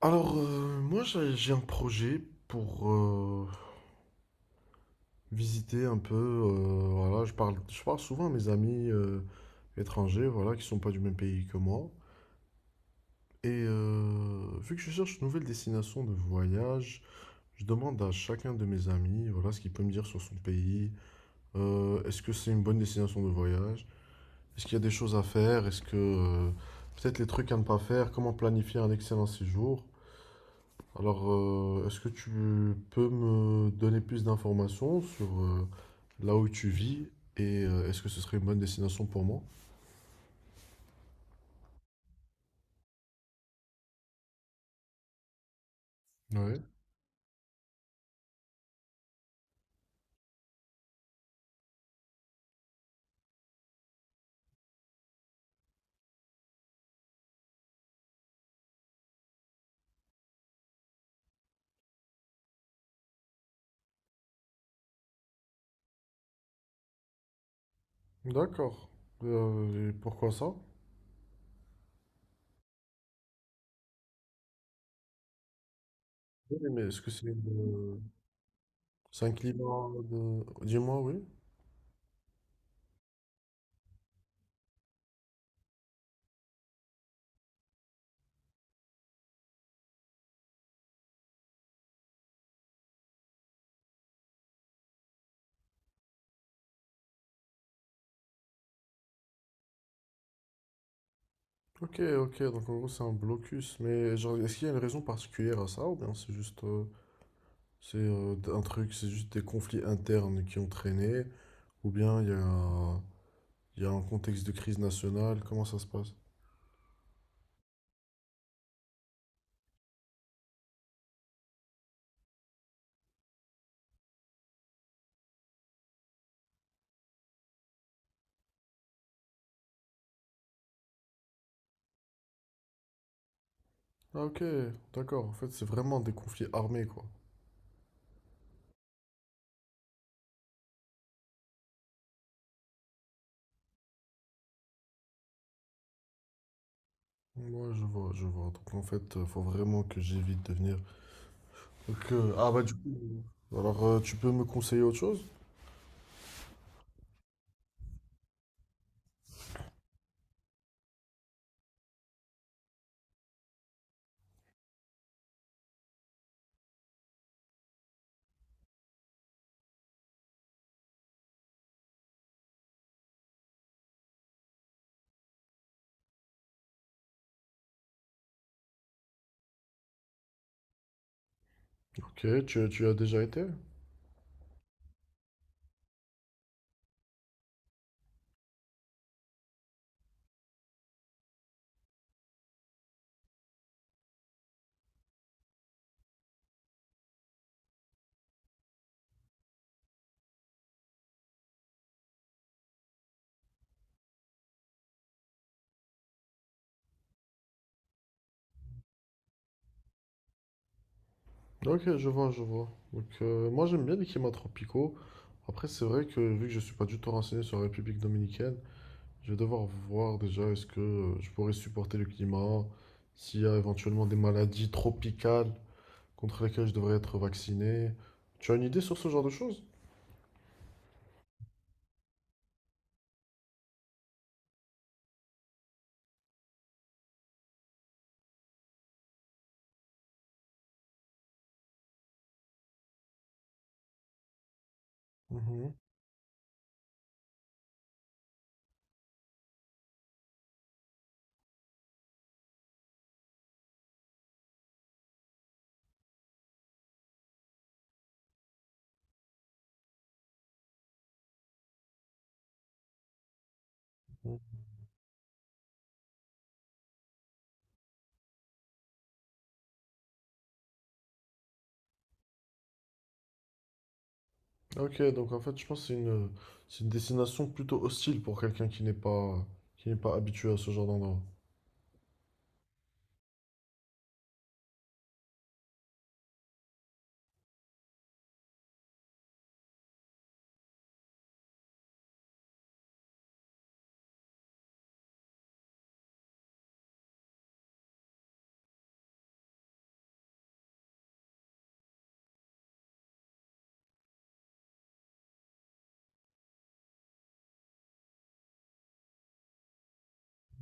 Alors, moi, j'ai un projet pour visiter un peu. Voilà, je parle souvent à mes amis, étrangers, voilà, qui sont pas du même pays que moi. Et vu que je cherche une nouvelle destination de voyage, je demande à chacun de mes amis, voilà, ce qu'il peut me dire sur son pays. Est-ce que c'est une bonne destination de voyage? Est-ce qu'il y a des choses à faire? Est-ce que peut-être les trucs à ne pas faire? Comment planifier un excellent séjour? Alors, est-ce que tu peux me donner plus d'informations sur là où tu vis, et est-ce que ce serait une bonne destination pour moi? Ouais. D'accord. Et pourquoi ça? Oui, mais est-ce que c'est une- c'est un climat de... Dis-moi, oui. Ok, ok, donc en gros c'est un blocus, mais genre, est-ce qu'il y a une raison particulière à ça ou bien c'est juste, c'est, un truc, c'est juste des conflits internes qui ont traîné, ou bien il y a un contexte de crise nationale, comment ça se passe? Ah, ok, d'accord. En fait, c'est vraiment des conflits armés, quoi. Ouais, je vois, je vois. Donc, en fait, faut vraiment que j'évite de venir. Donc, ah, bah, du coup. Alors, tu peux me conseiller autre chose? Ok, tu as déjà été? Ok, je vois, je vois. Donc, moi, j'aime bien les climats tropicaux. Après, c'est vrai que, vu que je suis pas du tout renseigné sur la République dominicaine, je vais devoir voir déjà est-ce que je pourrais supporter le climat, s'il y a éventuellement des maladies tropicales contre lesquelles je devrais être vacciné. Tu as une idée sur ce genre de choses? Mhm, mhm. Ok, donc en fait, je pense que c'est une destination plutôt hostile pour quelqu'un qui n'est pas habitué à ce genre d'endroit.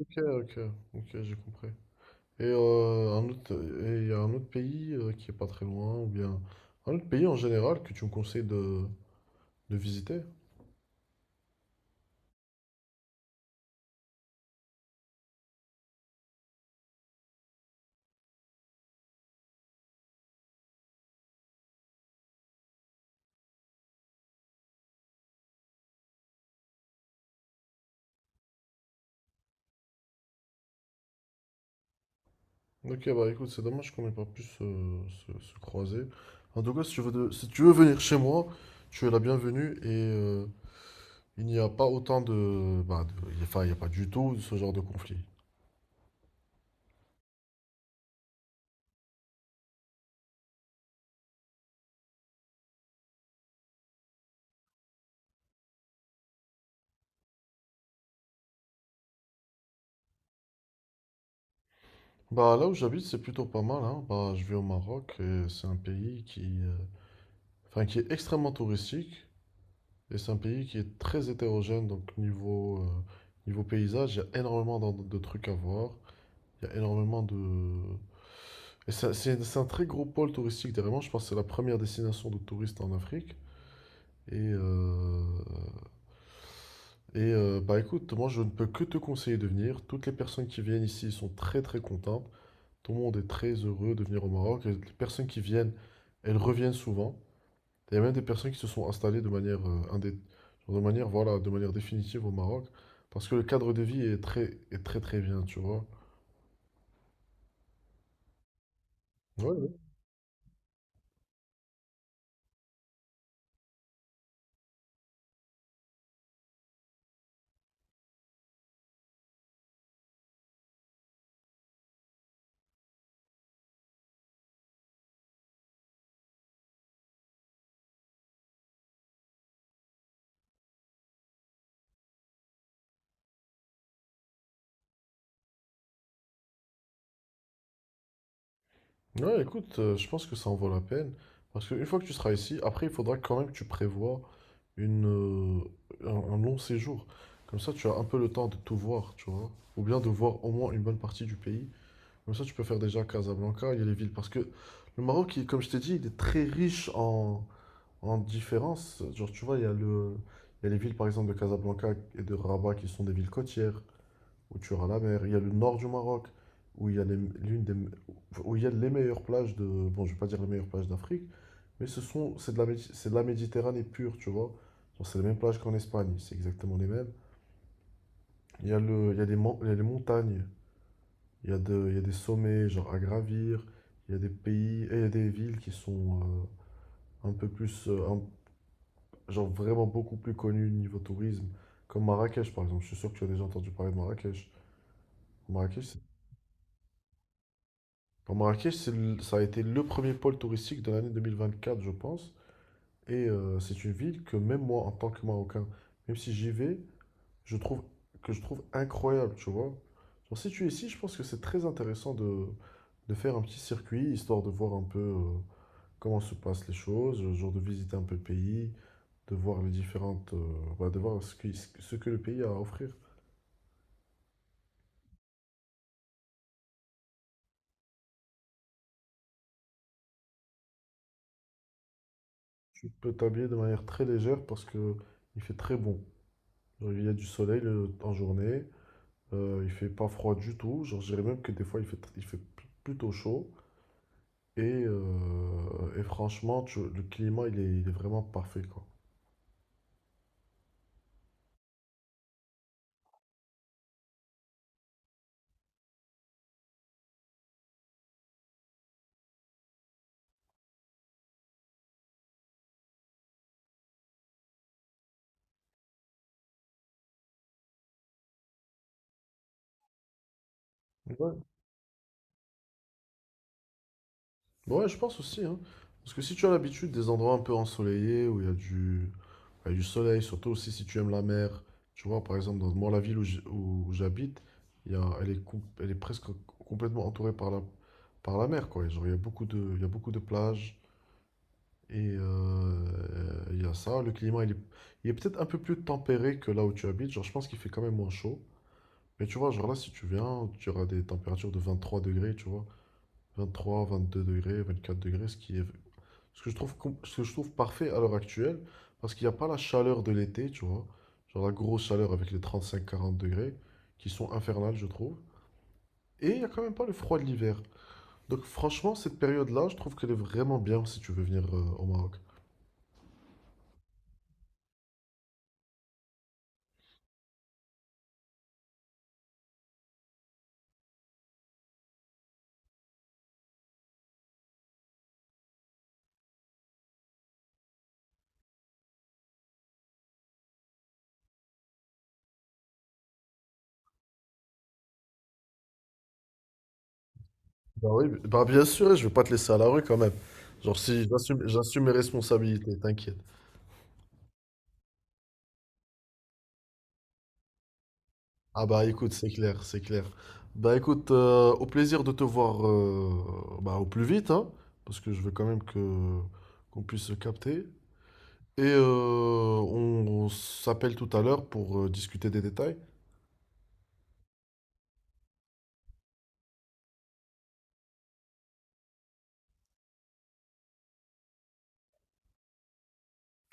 Ok, ok, ok, j'ai compris. Et et il y a un autre pays, qui est pas très loin, ou bien un autre pays en général que tu me conseilles de visiter. Ok, bah écoute, c'est dommage qu'on n'ait pas pu se croiser. En tout cas, si tu veux venir chez moi, tu es la bienvenue, et il n'y a pas autant de, bah, de- enfin, il n'y a pas du tout ce genre de conflit. Bah là où j'habite, c'est plutôt pas mal, hein. Bah, je vis au Maroc et c'est un pays enfin, qui est extrêmement touristique, et c'est un pays qui est très hétérogène. Donc niveau paysage, il y a énormément trucs à voir. Il y a énormément de... Et c'est un très gros pôle touristique derrière. Je pense que c'est la première destination de touristes en Afrique. Et, euh, Bah écoute, moi je ne peux que te conseiller de venir. Toutes les personnes qui viennent ici sont très très contentes. Tout le monde est très heureux de venir au Maroc. Et les personnes qui viennent, elles reviennent souvent. Il y a même des personnes qui se sont installées genre de manière, voilà, de manière définitive au Maroc. Parce que le cadre de vie est très, très bien, tu vois. Ouais, ouais. Ouais, écoute, je pense que ça en vaut la peine. Parce qu'une fois que tu seras ici, après, il faudra quand même que tu prévois un long séjour. Comme ça, tu as un peu le temps de tout voir, tu vois. Ou bien de voir au moins une bonne partie du pays. Comme ça, tu peux faire déjà Casablanca, il y a les villes. Parce que le Maroc, comme je t'ai dit, il est très riche en différences. Genre, tu vois, il y a les villes, par exemple, de Casablanca et de Rabat, qui sont des villes côtières, où tu auras la mer. Il y a le nord du Maroc, où il y a les- l'une des, me- où il y a les meilleures plages de... Bon, je vais pas dire les meilleures plages d'Afrique, mais ce sont, c'est de la, Médi- c'est de la Méditerranée pure, tu vois. Genre, c'est les mêmes plages qu'en Espagne, c'est exactement les mêmes. Il y a les, mon- il y a les montagnes. Il y a des sommets genre à gravir, il y a des pays, et il y a des villes qui sont un peu plus, un- genre vraiment beaucoup plus connues niveau tourisme, comme Marrakech par exemple. Je suis sûr que tu as déjà entendu parler de Marrakech. Marrakech, c'est- enfin, Marrakech, ça a été le premier pôle touristique de l'année 2024 je pense. Et c'est une ville que même moi, en tant que Marocain, même si j'y vais, je trouve je trouve incroyable, tu vois. Genre, si tu es ici, je pense que c'est très intéressant de faire un petit circuit, histoire de voir un peu, comment se passent les choses, le genre de visiter un peu le pays, de voir les différentes, bah, de voir ce que le pays a à offrir. Tu peux t'habiller de manière très légère parce que il fait très bon. Genre, il y a du soleil en journée. Il fait pas froid du tout. Genre, je dirais même que des fois il fait, tr- il fait pl- plutôt chaud. Franchement, le climat il est vraiment parfait quoi. Ouais, ouais, je pense aussi, hein. Parce que si tu as l'habitude des endroits un peu ensoleillés où il y a du soleil, surtout aussi si tu aimes la mer, tu vois, par exemple, dans moi, la ville où j'habite, il y a, elle est, com- elle est presque complètement entourée par par la mer, quoi. Et genre, il y a beaucoup de plages, et il y a ça. Le climat, il est peut-être un peu plus tempéré que là où tu habites. Genre, je pense qu'il fait quand même moins chaud. Mais tu vois, genre là, si tu viens, tu auras des températures de 23 degrés, tu vois. 23, 22 degrés, 24 degrés, ce que je trouve parfait à l'heure actuelle, parce qu'il n'y a pas la chaleur de l'été, tu vois, genre la grosse chaleur avec les 35 40 degrés, qui sont infernales, je trouve. Et il n'y a quand même pas le froid de l'hiver. Donc franchement, cette période-là, je trouve qu'elle est vraiment bien si tu veux venir au Maroc. Bah oui, bah bien sûr, je vais pas te laisser à la rue quand même. Genre si j'assume mes responsabilités, t'inquiète. Ah bah écoute, c'est clair, c'est clair. Bah écoute, au plaisir de te voir, bah, au plus vite, hein, parce que je veux quand même que qu'on puisse se capter. Et on s'appelle tout à l'heure pour discuter des détails.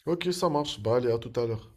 Ok, ça marche. Bah allez, à tout à l'heure.